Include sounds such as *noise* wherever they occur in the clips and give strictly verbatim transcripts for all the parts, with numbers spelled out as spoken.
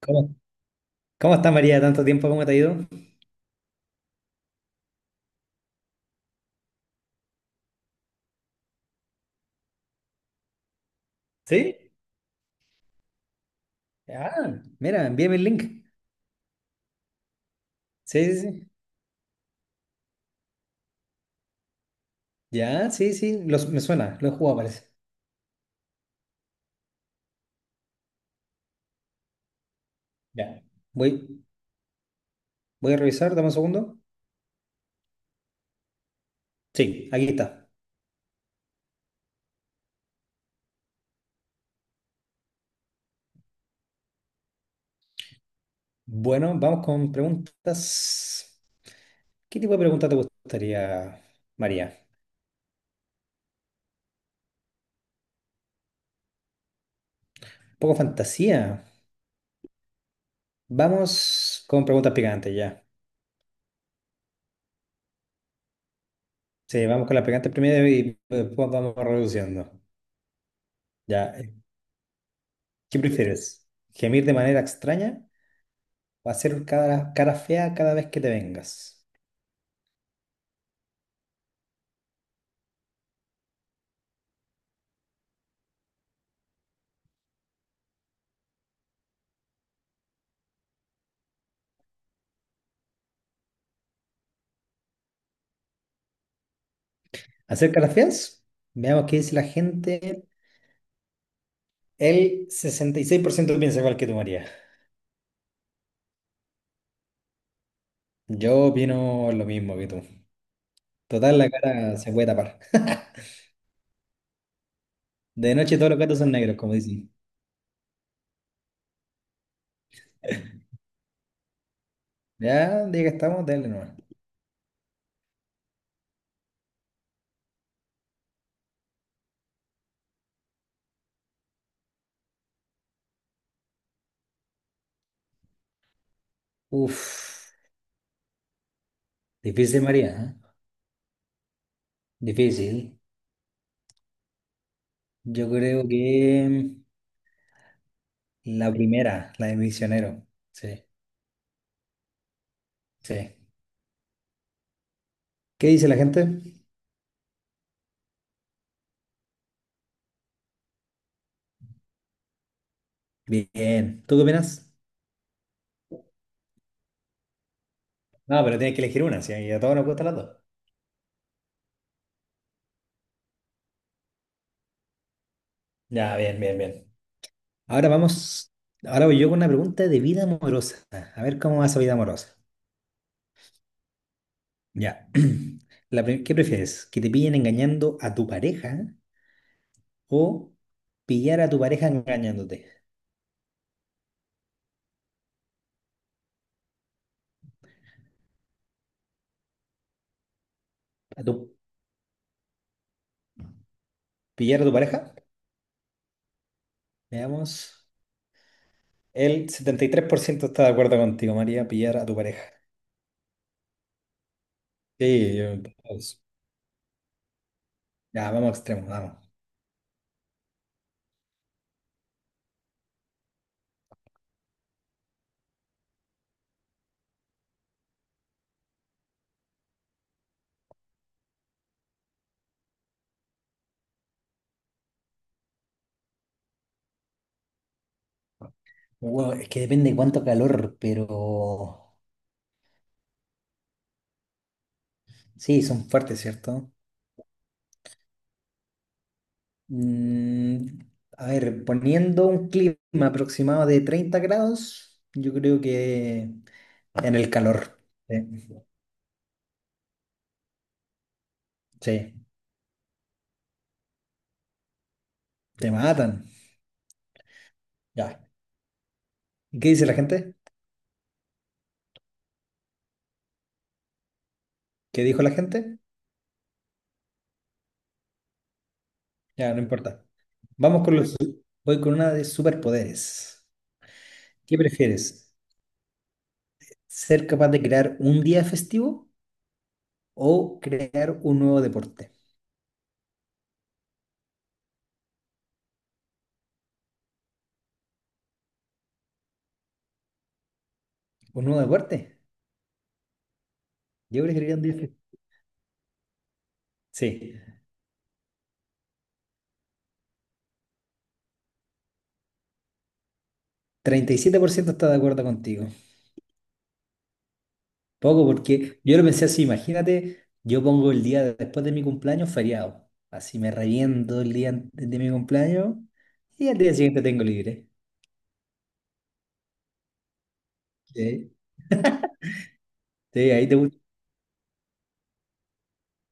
¿Cómo, cómo está María? Tanto tiempo. ¿Cómo te ha ido? ¿Sí? Ah, mira, envíame el link. Sí, sí, sí. Ya, sí, sí. Los- me suena, lo he jugado, parece. Ya. Voy, voy a revisar, dame un segundo. Sí, aquí está. Bueno, vamos con preguntas. ¿Qué tipo de pregunta te gustaría, María? Un poco fantasía. Vamos con preguntas picantes ya. Sí, vamos con las picantes primero y después vamos reduciendo. Ya. ¿Qué prefieres? ¿Gemir de manera extraña? Va a ser cara, cara fea cada vez que te vengas. ¿Hacer caras feas? Veamos qué dice la gente. El sesenta y seis por ciento piensa igual que tú, María. Yo opino lo mismo que tú. Total, la cara se puede tapar. De noche todos los gatos son negros, como dicen. Ya, día que estamos, dale nomás. Uf, difícil, María, ¿eh? Difícil. Yo creo que mm, la primera, la de misionero. Sí, sí. ¿Qué dice la gente? Bien. ¿Tú qué opinas? No, pero tienes que elegir una, sí, y a todos nos gustan las dos. Ya, bien, bien, bien. Ahora vamos, ahora voy yo con una pregunta de vida amorosa. A ver cómo va esa vida amorosa. Ya. *clears throat* La pri- ¿qué prefieres? ¿Que te pillen engañando a tu pareja o pillar a tu pareja engañándote? ¿A tu, pillar a tu pareja? Veamos. El setenta y tres por ciento está de acuerdo contigo, María, pillar a tu pareja. Sí, yo- pues, ya, vamos a extremos, vamos. Wow, es que depende de cuánto calor, pero sí, son fuertes, ¿cierto? Mm, a ver, poniendo un clima aproximado de treinta grados, yo creo que en el calor. Sí, sí, te matan. Ya. ¿Y qué dice la gente? ¿Qué dijo la gente? Ya, no importa. Vamos con los... Voy con una de superpoderes. ¿Qué prefieres? ¿Ser capaz de crear un día festivo o crear un nuevo deporte? ¿Un nuevo deporte? Yo preferiría un día festivo. Sí, treinta y siete por ciento está de acuerdo contigo. Poco, porque yo lo pensé así, imagínate, yo pongo el día de- después de mi cumpleaños feriado. Así me reviento el día antes de mi cumpleaños y al día siguiente tengo libre. Sí, sí, ahí te gusta.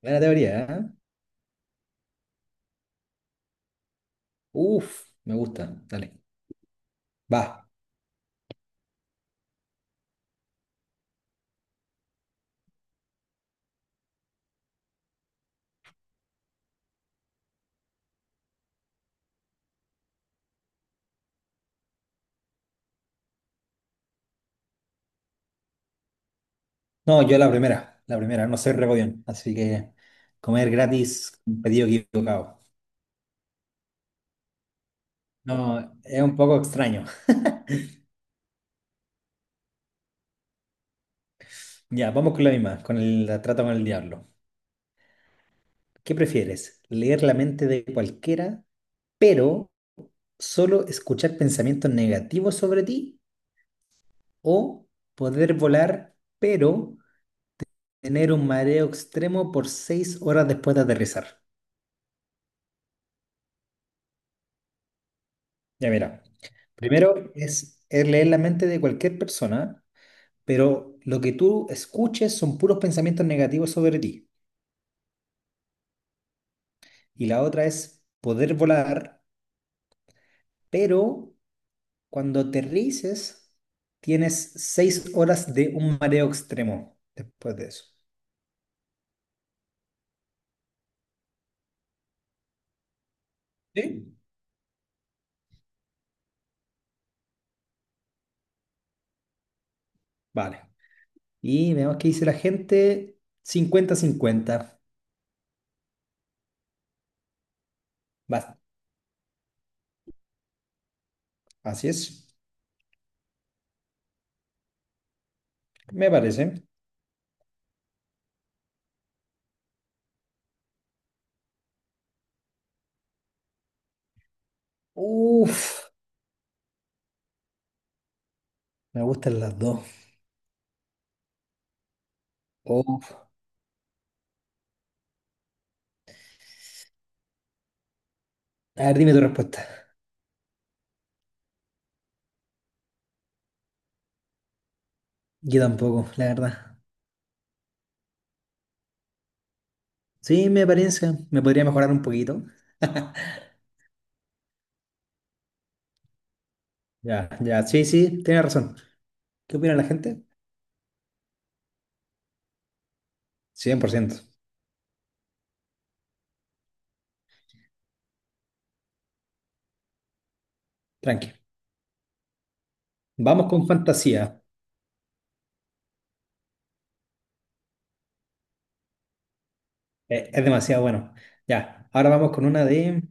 Buena teoría, ¿eh? Uf, me gusta. Dale. Va. No, yo la primera, la primera, no soy regodión. Así que comer gratis, un pedido equivocado. No, es un poco extraño. *laughs* Ya, vamos con la misma, con el trato con el diablo. ¿Qué prefieres? ¿Leer la mente de cualquiera, pero solo escuchar pensamientos negativos sobre ti? ¿O poder volar, pero tener un mareo extremo por seis horas después de aterrizar? Ya mira, primero es, es leer la mente de cualquier persona, pero lo que tú escuches son puros pensamientos negativos sobre ti. Y la otra es poder volar, pero cuando aterrices, tienes seis horas de un mareo extremo después de eso. ¿Sí? Vale. Y veamos qué dice la gente. Cincuenta-cincuenta. Va. Así es. Me parece. Uf. Me gustan las dos. Uf. A ver, dime tu respuesta. Yo tampoco, la verdad. Sí, me parece. Me podría mejorar un poquito. *laughs* Ya, ya. Sí, sí, tienes razón. ¿Qué opina la gente? Cien por ciento. Tranqui. Vamos con fantasía. Eh, Es demasiado bueno. Ya, ahora vamos con una de,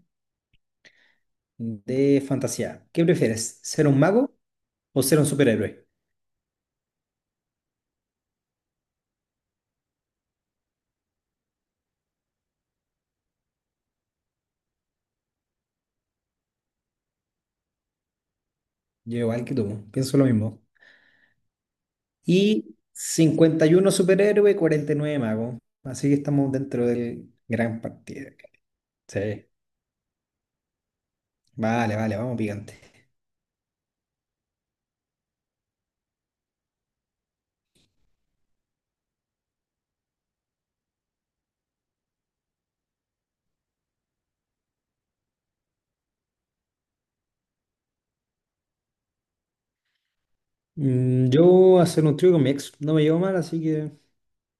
de fantasía. ¿Qué prefieres? ¿Ser un mago o ser un superhéroe? Yo igual que tú, pienso lo mismo. Y cincuenta y uno superhéroe, cuarenta y nueve mago. Así que estamos dentro del gran partido. Sí, vale, vale, vamos picante. Mm, yo hacer un trío con mi ex no me llevo mal, así que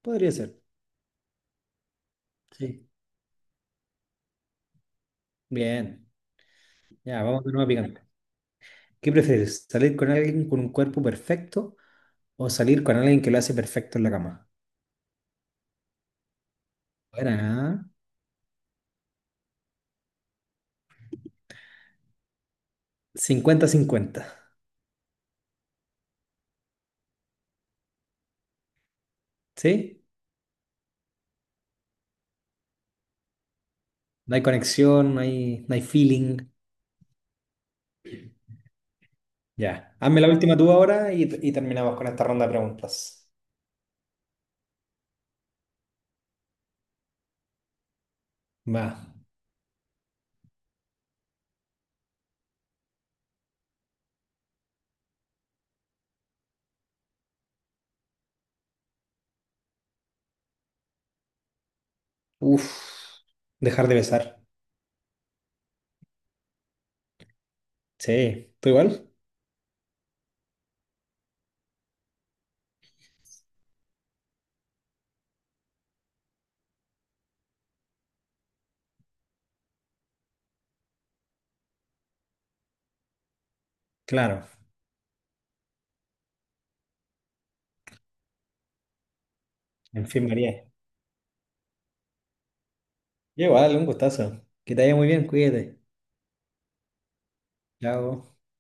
podría ser. Sí. Bien, ya, vamos de nuevo picante. ¿Qué prefieres? ¿Salir con alguien con un cuerpo perfecto? O salir con alguien que lo hace perfecto en la cama. Buena, eh cincuenta 50-50. ¿Sí? No hay conexión, no hay, no hay feeling. Ya. Hazme la última tú ahora y, y terminamos con esta ronda de preguntas. Va. Uf. Dejar de besar. Sí. ¿Tú igual? Claro. En fin, María. Igual, un gustazo. Que te vaya muy bien, cuídate. Chao.